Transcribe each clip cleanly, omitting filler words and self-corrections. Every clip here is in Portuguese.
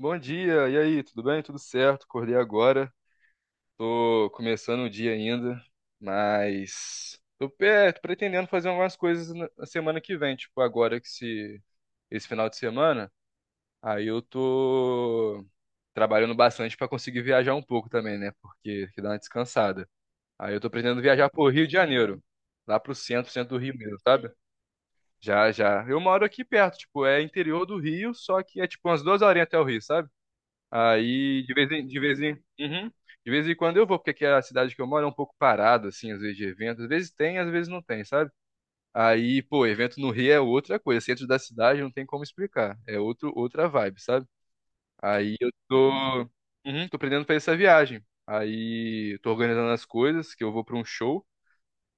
Bom dia, e aí, tudo bem? Tudo certo? Acordei agora, tô começando o dia ainda, mas tô pretendendo fazer algumas coisas na semana que vem, tipo agora que se esse final de semana, aí eu tô trabalhando bastante pra conseguir viajar um pouco também, né? Porque que dá uma descansada. Aí eu tô pretendendo viajar pro Rio de Janeiro, lá pro centro, centro do Rio mesmo, sabe? Já, já. Eu moro aqui perto, tipo, é interior do Rio, só que é tipo umas 2 horinhas até o Rio, sabe? Aí, uhum. De vez em quando eu vou, porque aqui é a cidade que eu moro é um pouco parada, assim, às vezes de evento. Às vezes tem, às vezes não tem, sabe? Aí, pô, evento no Rio é outra coisa. Centro da cidade não tem como explicar. É outra vibe, sabe? Aí eu tô, uhum, tô aprendendo pra essa viagem. Aí eu tô organizando as coisas, que eu vou pra um show.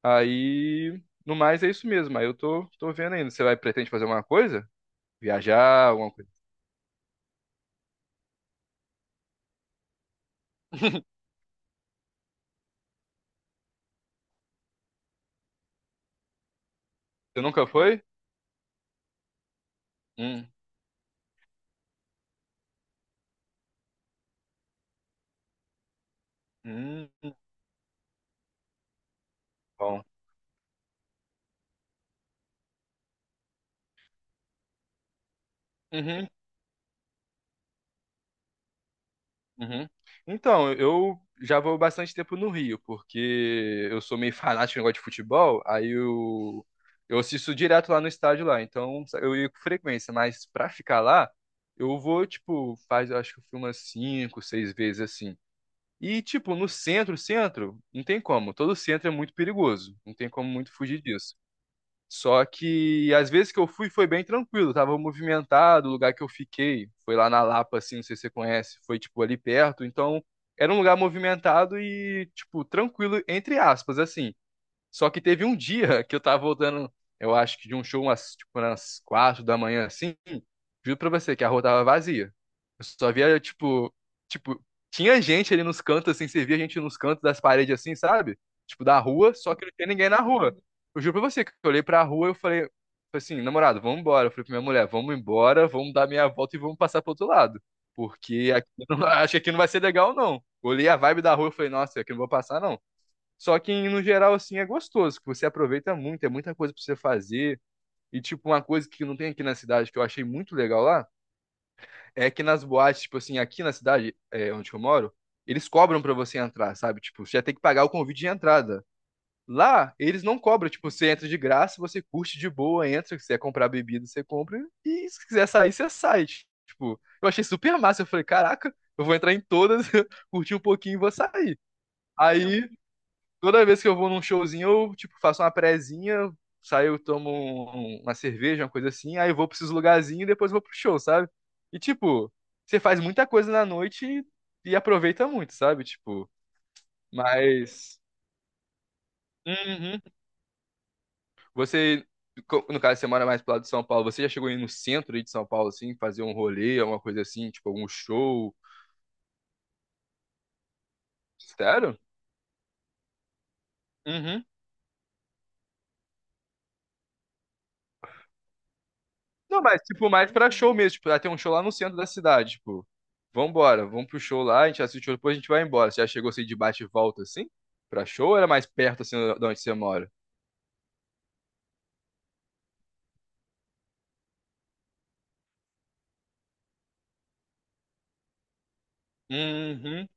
Aí, no mais, é isso mesmo. Aí eu tô, vendo ainda. Você vai, pretende fazer alguma coisa? Viajar, alguma coisa? Você nunca foi? Hum, hum, bom. Uhum, uhum. Então, eu já vou bastante tempo no Rio, porque eu sou meio fanático no negócio de futebol, eu assisto direto lá no estádio lá, então eu ia com frequência, mas pra ficar lá, eu vou, tipo, faz, eu acho que eu fui umas 5, 6 vezes assim. E, tipo, no centro, centro, não tem como, todo centro é muito perigoso, não tem como muito fugir disso. Só que às vezes que eu fui foi bem tranquilo, tava movimentado, o lugar que eu fiquei foi lá na Lapa, assim, não sei se você conhece, foi tipo ali perto, então era um lugar movimentado e tipo tranquilo entre aspas, assim. Só que teve um dia que eu tava voltando, eu acho que de um show tipo, umas 4 da manhã, assim. Juro pra você que a rua tava vazia. Eu só via, tipo, tinha gente ali nos cantos, assim, você via gente nos cantos das paredes, assim, sabe? Tipo, da rua, só que não tinha ninguém na rua. Eu juro pra você que eu olhei pra rua e eu falei assim, namorado, vamos embora. Eu falei pra minha mulher, vamos embora, vamos dar meia volta e vamos passar pro outro lado. Porque aqui, acho que aqui não vai ser legal, não. Olhei a vibe da rua e falei, nossa, aqui não vou passar, não. Só que no geral, assim, é gostoso, que você aproveita muito, é muita coisa pra você fazer. E, tipo, uma coisa que não tem aqui na cidade, que eu achei muito legal lá, é que nas boates, tipo assim, aqui na cidade, é, onde eu moro, eles cobram pra você entrar, sabe? Tipo, você já tem que pagar o convite de entrada. Lá, eles não cobram, tipo, você entra de graça, você curte de boa, entra, se quiser comprar bebida, você compra, e se quiser sair, você sai. Tipo, eu achei super massa, eu falei, caraca, eu vou entrar em todas, curtir um pouquinho e vou sair. Aí, toda vez que eu vou num showzinho, eu, tipo, faço uma prezinha, saio, tomo uma cerveja, uma coisa assim, aí eu vou pra esses lugarzinhos e depois vou pro show, sabe? E, tipo, você faz muita coisa na noite e aproveita muito, sabe? Tipo, mas... Uhum. Você, no caso, você mora mais pro lado de São Paulo, você já chegou aí no centro aí de São Paulo, assim, fazer um rolê, alguma coisa assim, tipo, algum show? Sério? Uhum. Não, mas tipo, mais pra show mesmo. Tipo, ah, tem um show lá no centro da cidade, tipo. Vambora, vamos pro show lá, a gente assiste o show, depois a gente vai embora. Você já chegou assim de bate e volta assim? Pra show ou era mais perto assim de onde você mora? Uhum.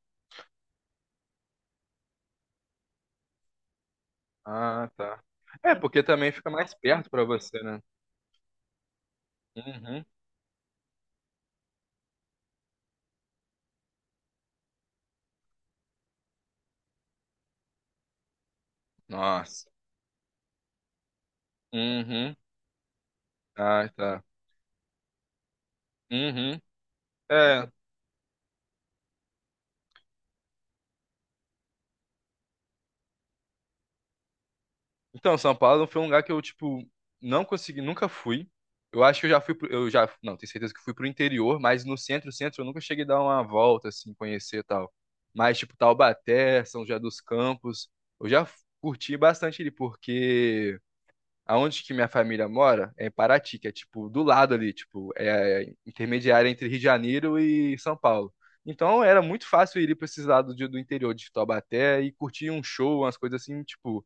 Ah, tá. É, porque também fica mais perto pra você, né? Uhum. Nossa. Uhum. Ah, tá. Uhum. É, então, São Paulo foi um lugar que eu, tipo, não consegui, nunca fui. Eu acho que eu já fui pro, eu já, não, tenho certeza que fui pro interior, mas no centro, centro eu nunca cheguei a dar uma volta assim, conhecer e tal. Mas tipo Taubaté, São José dos Campos, eu curti bastante ali porque aonde que minha família mora é em Paraty, que é tipo do lado ali, tipo, é intermediária entre Rio de Janeiro e São Paulo. Então era muito fácil ir para esses lados do interior de Taubaté e curtir um show, umas coisas assim, tipo,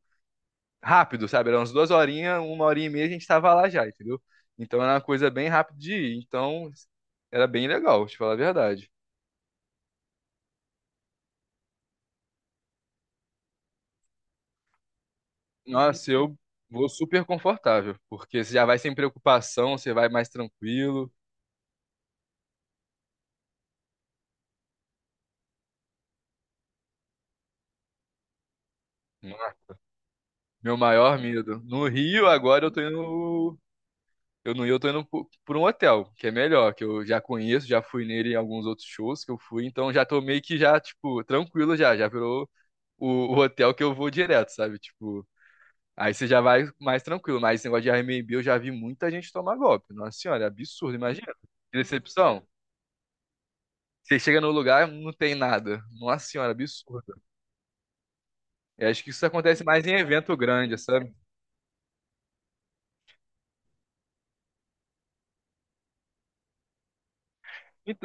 rápido, sabe? Era umas 2 horinhas, 1 horinha e meia a gente tava lá já, entendeu? Então era uma coisa bem rápida de ir. Então era bem legal, te falar a verdade. Nossa, eu vou super confortável, porque você já vai sem preocupação, você vai mais tranquilo. Ah, meu maior medo. No Rio, agora eu tô indo. Eu no Rio, eu tô indo por um hotel, que é melhor, que eu já conheço, já fui nele em alguns outros shows que eu fui, então já tô meio que já, tipo, tranquilo já, já virou o, o hotel que eu vou direto, sabe? Tipo, aí você já vai mais tranquilo. Mas esse negócio de Airbnb eu já vi muita gente tomar golpe. Nossa senhora, é absurdo, imagina. Que decepção. Você chega no lugar, não tem nada. Nossa senhora, absurdo. Eu acho que isso acontece mais em evento grande, sabe? Ent-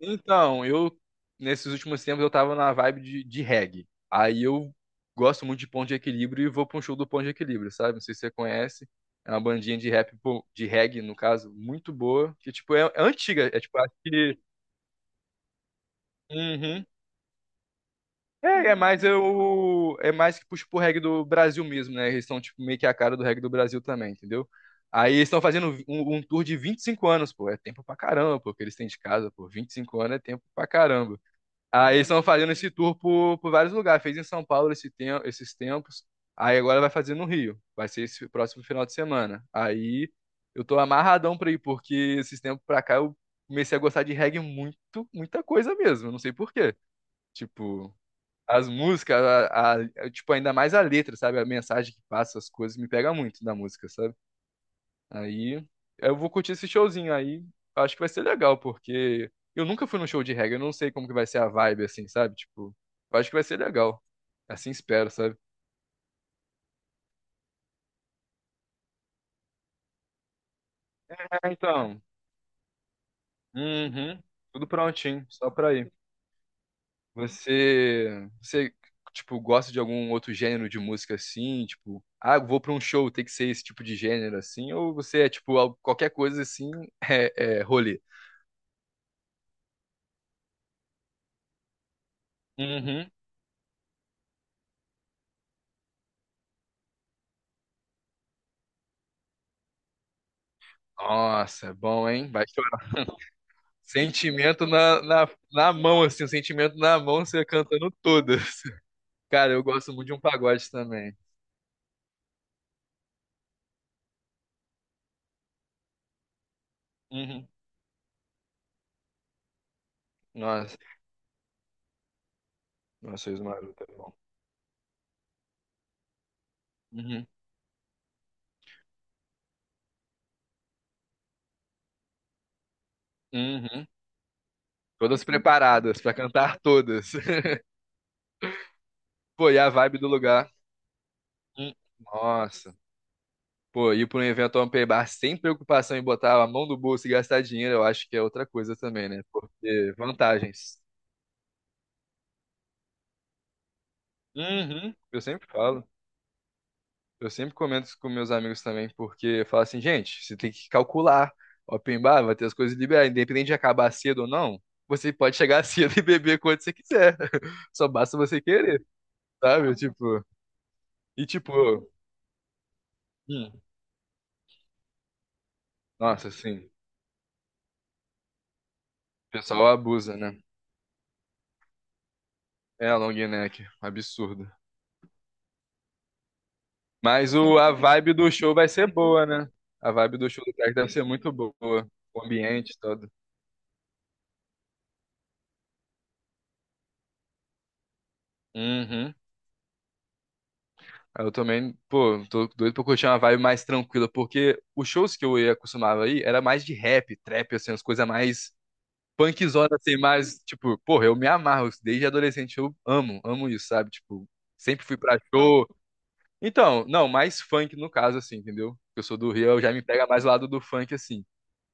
Então, nesses últimos tempos, eu tava na vibe de reggae. Aí eu gosto muito de Ponto de Equilíbrio e vou pra um show do Ponto de Equilíbrio, sabe? Não sei se você conhece. É uma bandinha de rap, pô, de reggae, no caso, muito boa. Que, tipo, é, é antiga. É, tipo, acho que... Uhum. É, é mais eu. É mais que puxa pro reggae do Brasil mesmo, né? Eles são, tipo, meio que a cara do reggae do Brasil também, entendeu? Aí eles estão fazendo um tour de 25 anos, pô. É tempo pra caramba, pô, que eles têm de casa, pô. 25 anos é tempo pra caramba. Aí eles estão fazendo esse tour por vários lugares. Fez em São Paulo esses tempos. Aí agora vai fazer no Rio. Vai ser esse próximo final de semana. Aí eu tô amarradão pra ir, porque esses tempos pra cá eu comecei a gostar de reggae muito, muita coisa mesmo. Eu não sei por quê. Tipo. As músicas, tipo, ainda mais a letra, sabe? A mensagem que passa, as coisas, me pega muito da música, sabe? Aí eu vou curtir esse showzinho aí. Acho que vai ser legal, porque eu nunca fui num show de reggae, eu não sei como que vai ser a vibe, assim, sabe? Tipo, eu acho que vai ser legal. Assim espero, sabe? É, então. Uhum. Tudo prontinho, só pra ir. Você, você, tipo, gosta de algum outro gênero de música assim? Tipo, ah, eu vou pra um show, tem que ser esse tipo de gênero assim? Ou você é, tipo, qualquer coisa assim, é, é rolê? Uhum. Nossa, bom, hein? Vai chorar. Sentimento na mão, assim, o sentimento na mão, você cantando todas. Cara, eu gosto muito de um pagode também. Uhum. Nossa, nossa, Sorriso Maroto é bom. Uhum. Uhum. Todas preparadas pra cantar todas. Pô, e a vibe do lugar? Hum. Nossa. Pô, ir para um evento open bar sem preocupação em botar a mão no bolso e gastar dinheiro, eu acho que é outra coisa também, né? Porque vantagens. Uhum. Eu sempre falo, eu sempre comento isso com meus amigos também, porque eu falo assim, gente, você tem que calcular. Open bar vai ter as coisas liberadas, independente de acabar cedo ou não, você pode chegar cedo e beber quanto você quiser. Só basta você querer, sabe? Tipo, e tipo, hum. Nossa, assim, o pessoal abusa, né? É a long neck, absurdo. Mas a vibe do show vai ser boa, né? A vibe do show do Crack deve ser muito boa. O ambiente todo. Uhum. Eu também, pô, tô doido pra curtir uma vibe mais tranquila, porque os shows que eu ia acostumava aí era mais de rap, trap, assim, as coisas mais punkzona, assim, mais, tipo, porra, eu me amarro, desde adolescente eu amo, amo isso, sabe? Tipo, sempre fui pra show. Então, não, mais funk no caso, assim, entendeu? Eu sou do Rio, eu já me pega mais o lado do funk, assim.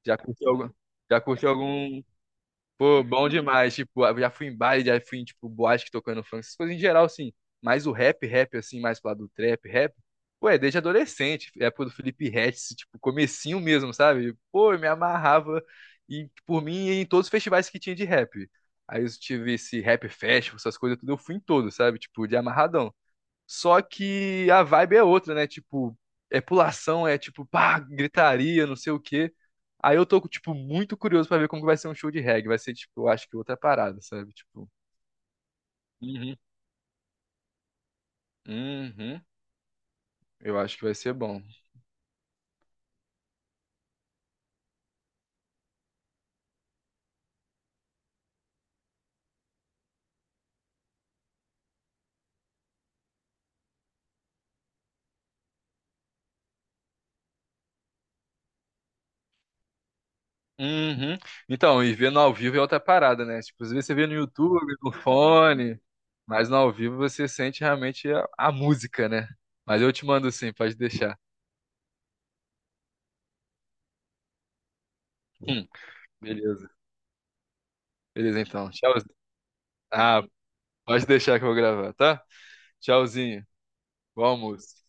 Já curti algum, já curti algum. Pô, bom demais. Tipo, eu já fui em baile, já fui em, tipo, boate que tocando funk, essas coisas em geral, assim. Mas o rap, rap, assim, mais pro lado do trap, rap, pô, é desde adolescente. É época do Felipe Ret, tipo, comecinho mesmo, sabe? Pô, eu me amarrava e, por mim em todos os festivais que tinha de rap. Aí eu tive esse rap festival, essas coisas tudo, eu fui em todos, sabe? Tipo, de amarradão. Só que a vibe é outra, né? Tipo, é pulação, é tipo, pá, gritaria, não sei o quê. Aí eu tô, tipo, muito curioso pra ver como que vai ser um show de reggae. Vai ser, tipo, eu acho que outra parada, sabe? Tipo, uhum, uhum. Eu acho que vai ser bom. Uhum. Então, e vendo ao vivo é outra parada, né? Tipo, às vezes você vê no YouTube, no fone, mas no ao vivo você sente realmente a música, né? Mas eu te mando sim, pode deixar. Hum, beleza. Beleza, então. Tchau. Ah, pode deixar que eu vou gravar, tá? Tchauzinho. Bom almoço.